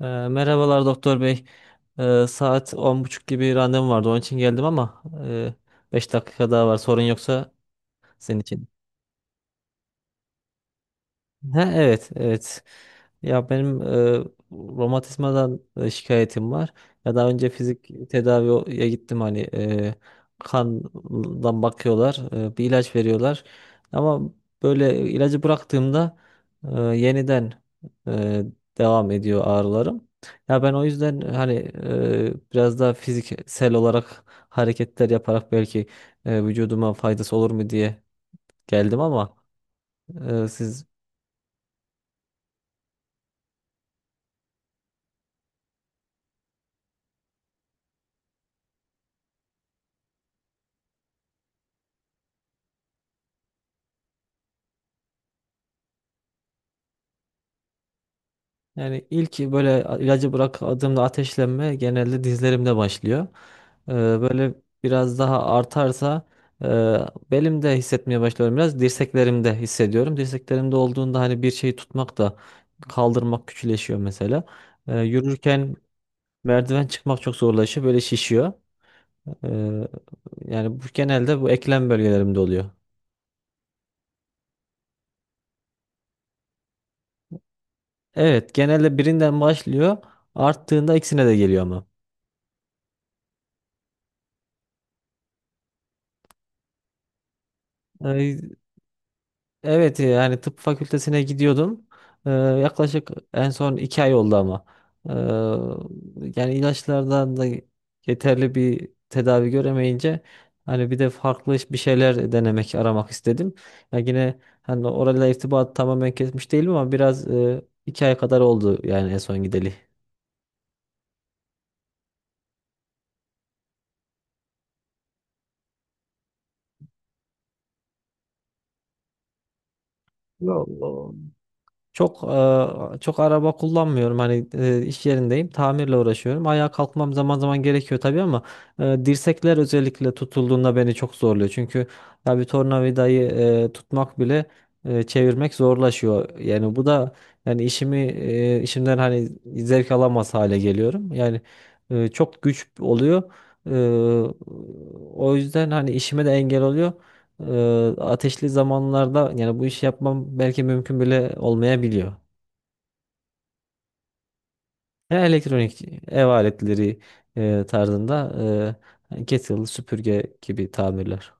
Merhabalar doktor bey. Saat 10:30 gibi randevum vardı. Onun için geldim ama 5 dakika daha var. Sorun yoksa senin için. Ha, evet, evet. Ya benim romatizmadan şikayetim var. Ya daha önce fizik tedaviye gittim, hani kandan bakıyorlar, bir ilaç veriyorlar. Ama böyle ilacı bıraktığımda yeniden e, devam ediyor ağrılarım. Ya ben o yüzden hani biraz daha fiziksel olarak hareketler yaparak belki vücuduma faydası olur mu diye geldim ama siz... Yani ilk böyle ilacı bıraktığımda ateşlenme genelde dizlerimde başlıyor. Böyle biraz daha artarsa e, belimde hissetmeye başlıyorum biraz. Dirseklerimde hissediyorum. Dirseklerimde olduğunda hani bir şeyi tutmak da, kaldırmak küçüleşiyor mesela. Yürürken merdiven çıkmak çok zorlaşıyor. Böyle şişiyor. Ee, Yani bu genelde bu eklem bölgelerimde oluyor. Evet, genelde birinden başlıyor. Arttığında ikisine de geliyor ama. Ee, Evet, yani tıp fakültesine gidiyordum. Yaklaşık en son 2 ay oldu ama. Ee, Yani ilaçlardan da yeterli bir tedavi göremeyince hani bir de farklı bir şeyler denemek, aramak istedim. Yani yine hani orayla irtibat tamamen kesmiş değilim ama biraz, 2 ay kadar oldu yani en son gideli. Allah. Çok Çok araba kullanmıyorum. Hani iş yerindeyim. Tamirle uğraşıyorum. Ayağa kalkmam zaman zaman gerekiyor tabii ama dirsekler özellikle tutulduğunda beni çok zorluyor. Çünkü ya bir tornavidayı tutmak bile çevirmek zorlaşıyor. Yani bu da, yani işimden hani zevk alamaz hale geliyorum. Yani çok güç oluyor. E, O yüzden hani işime de engel oluyor. Ateşli zamanlarda yani bu işi yapmam belki mümkün bile olmayabiliyor. Yani elektronik ev aletleri tarzında, kettle, süpürge gibi tamirler.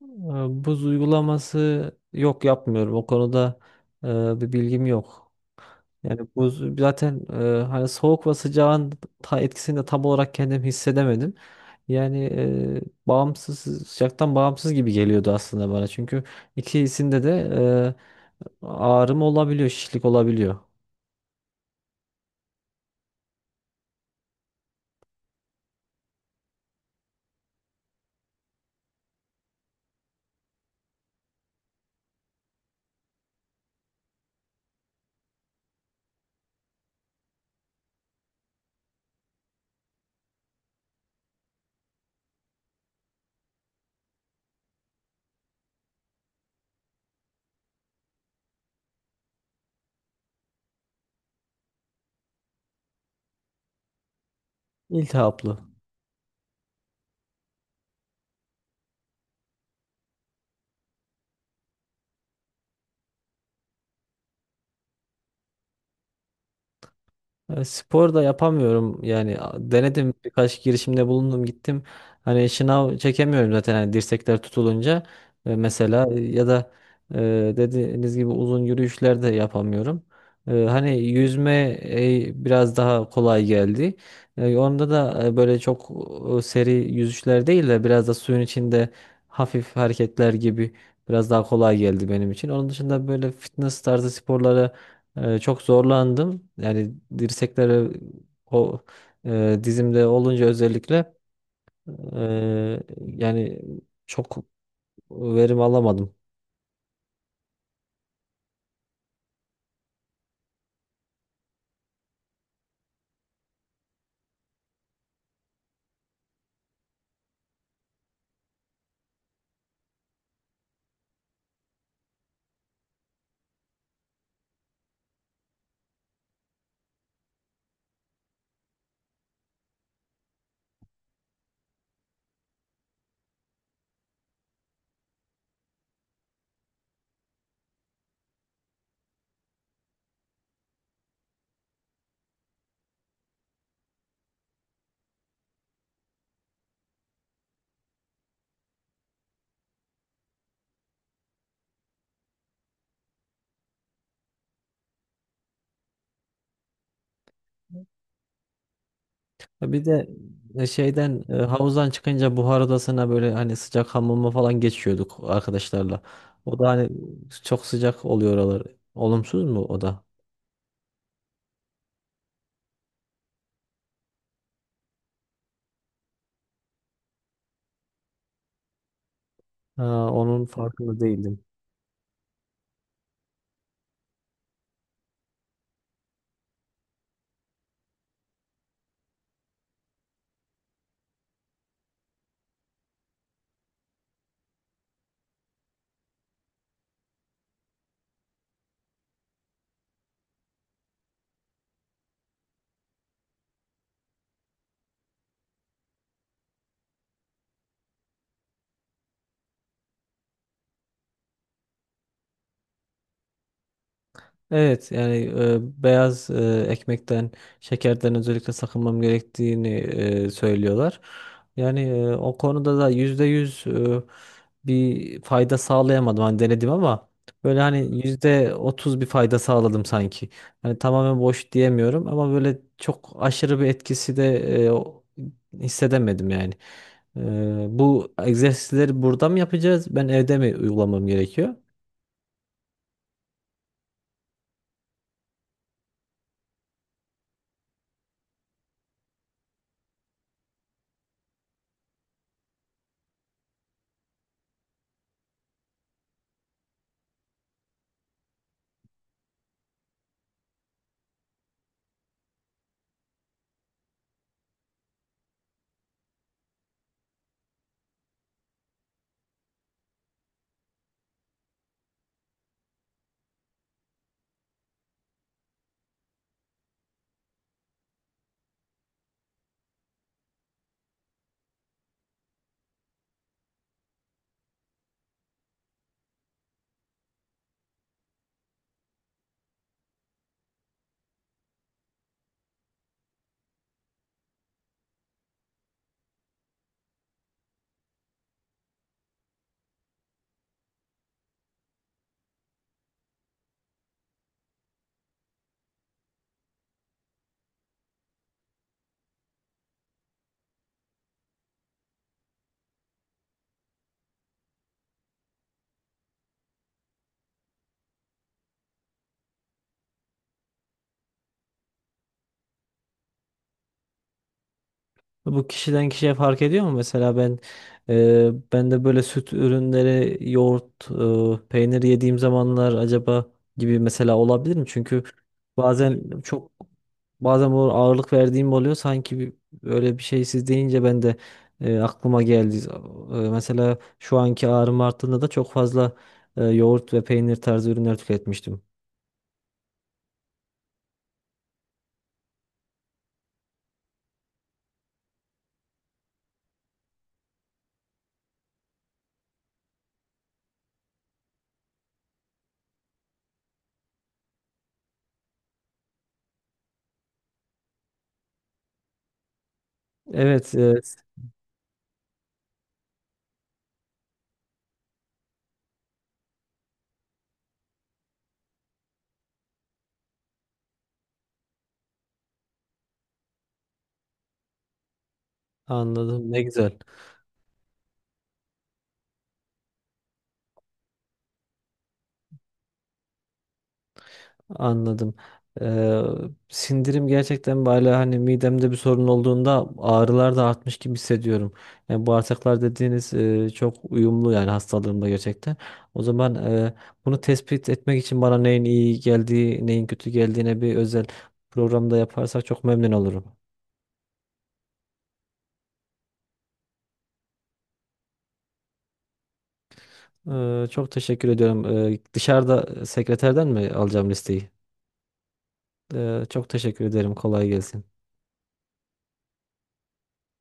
Eee, Buz uygulaması, yok, yapmıyorum. O konuda eee, bir bilgim yok. Yani buz zaten, hani soğuk ve sıcağın etkisini de tam olarak kendim hissedemedim. Yani, sıcaktan bağımsız gibi geliyordu aslında bana. Çünkü ikisinde de ağrım olabiliyor, şişlik olabiliyor. İltihaplı. Spor da yapamıyorum yani, denedim, birkaç girişimde bulundum, gittim hani şınav çekemiyorum zaten hani dirsekler tutulunca... Mesela, ya da e, dediğiniz gibi uzun yürüyüşler de yapamıyorum. Hani yüzme biraz daha kolay geldi. Onda da böyle çok seri yüzüşler değil de biraz da suyun içinde hafif hareketler gibi biraz daha kolay geldi benim için. Onun dışında böyle fitness tarzı sporlara çok zorlandım. Yani o dizimde olunca özellikle, e, yani çok verim alamadım. Bir de havuzdan çıkınca buhar odasına böyle hani sıcak hamama falan geçiyorduk arkadaşlarla. O da hani çok sıcak oluyor oralar. Olumsuz mu o da? Ha, onun farkında değildim. Evet, yani beyaz ekmekten, şekerden özellikle sakınmam gerektiğini söylüyorlar. Yani, o konuda da %100 bir fayda sağlayamadım. Hani denedim ama böyle hani %30 bir fayda sağladım sanki. Hani tamamen boş diyemiyorum ama böyle çok aşırı bir etkisi de e, o- hissedemedim yani. Bu egzersizleri burada mı yapacağız? Ben evde mi uygulamam gerekiyor? Bu kişiden kişiye fark ediyor mu? Mesela ben de böyle süt ürünleri, yoğurt, peynir yediğim zamanlar acaba gibi mesela olabilir mi? Çünkü bazen çok, bu ağırlık verdiğim oluyor. Öyle bir şey siz deyince ben de, aklıma geldi. Mesela şu anki ağrım arttığında da çok fazla yoğurt ve peynir tarzı ürünler tüketmiştim. Evet, evet, anladım. Ne güzel. Anladım. Ee, Sindirim gerçekten, böyle hani midemde bir sorun olduğunda ağrılar da artmış gibi hissediyorum. Yani bağırsaklar dediğiniz çok uyumlu yani hastalığımda gerçekten. O zaman, bunu tespit etmek için bana neyin iyi geldiği, neyin kötü geldiğine bir özel programda yaparsak çok memnun olurum. Çok teşekkür ediyorum. Dışarıda sekreterden mi alacağım listeyi? Çok teşekkür ederim. Kolay gelsin.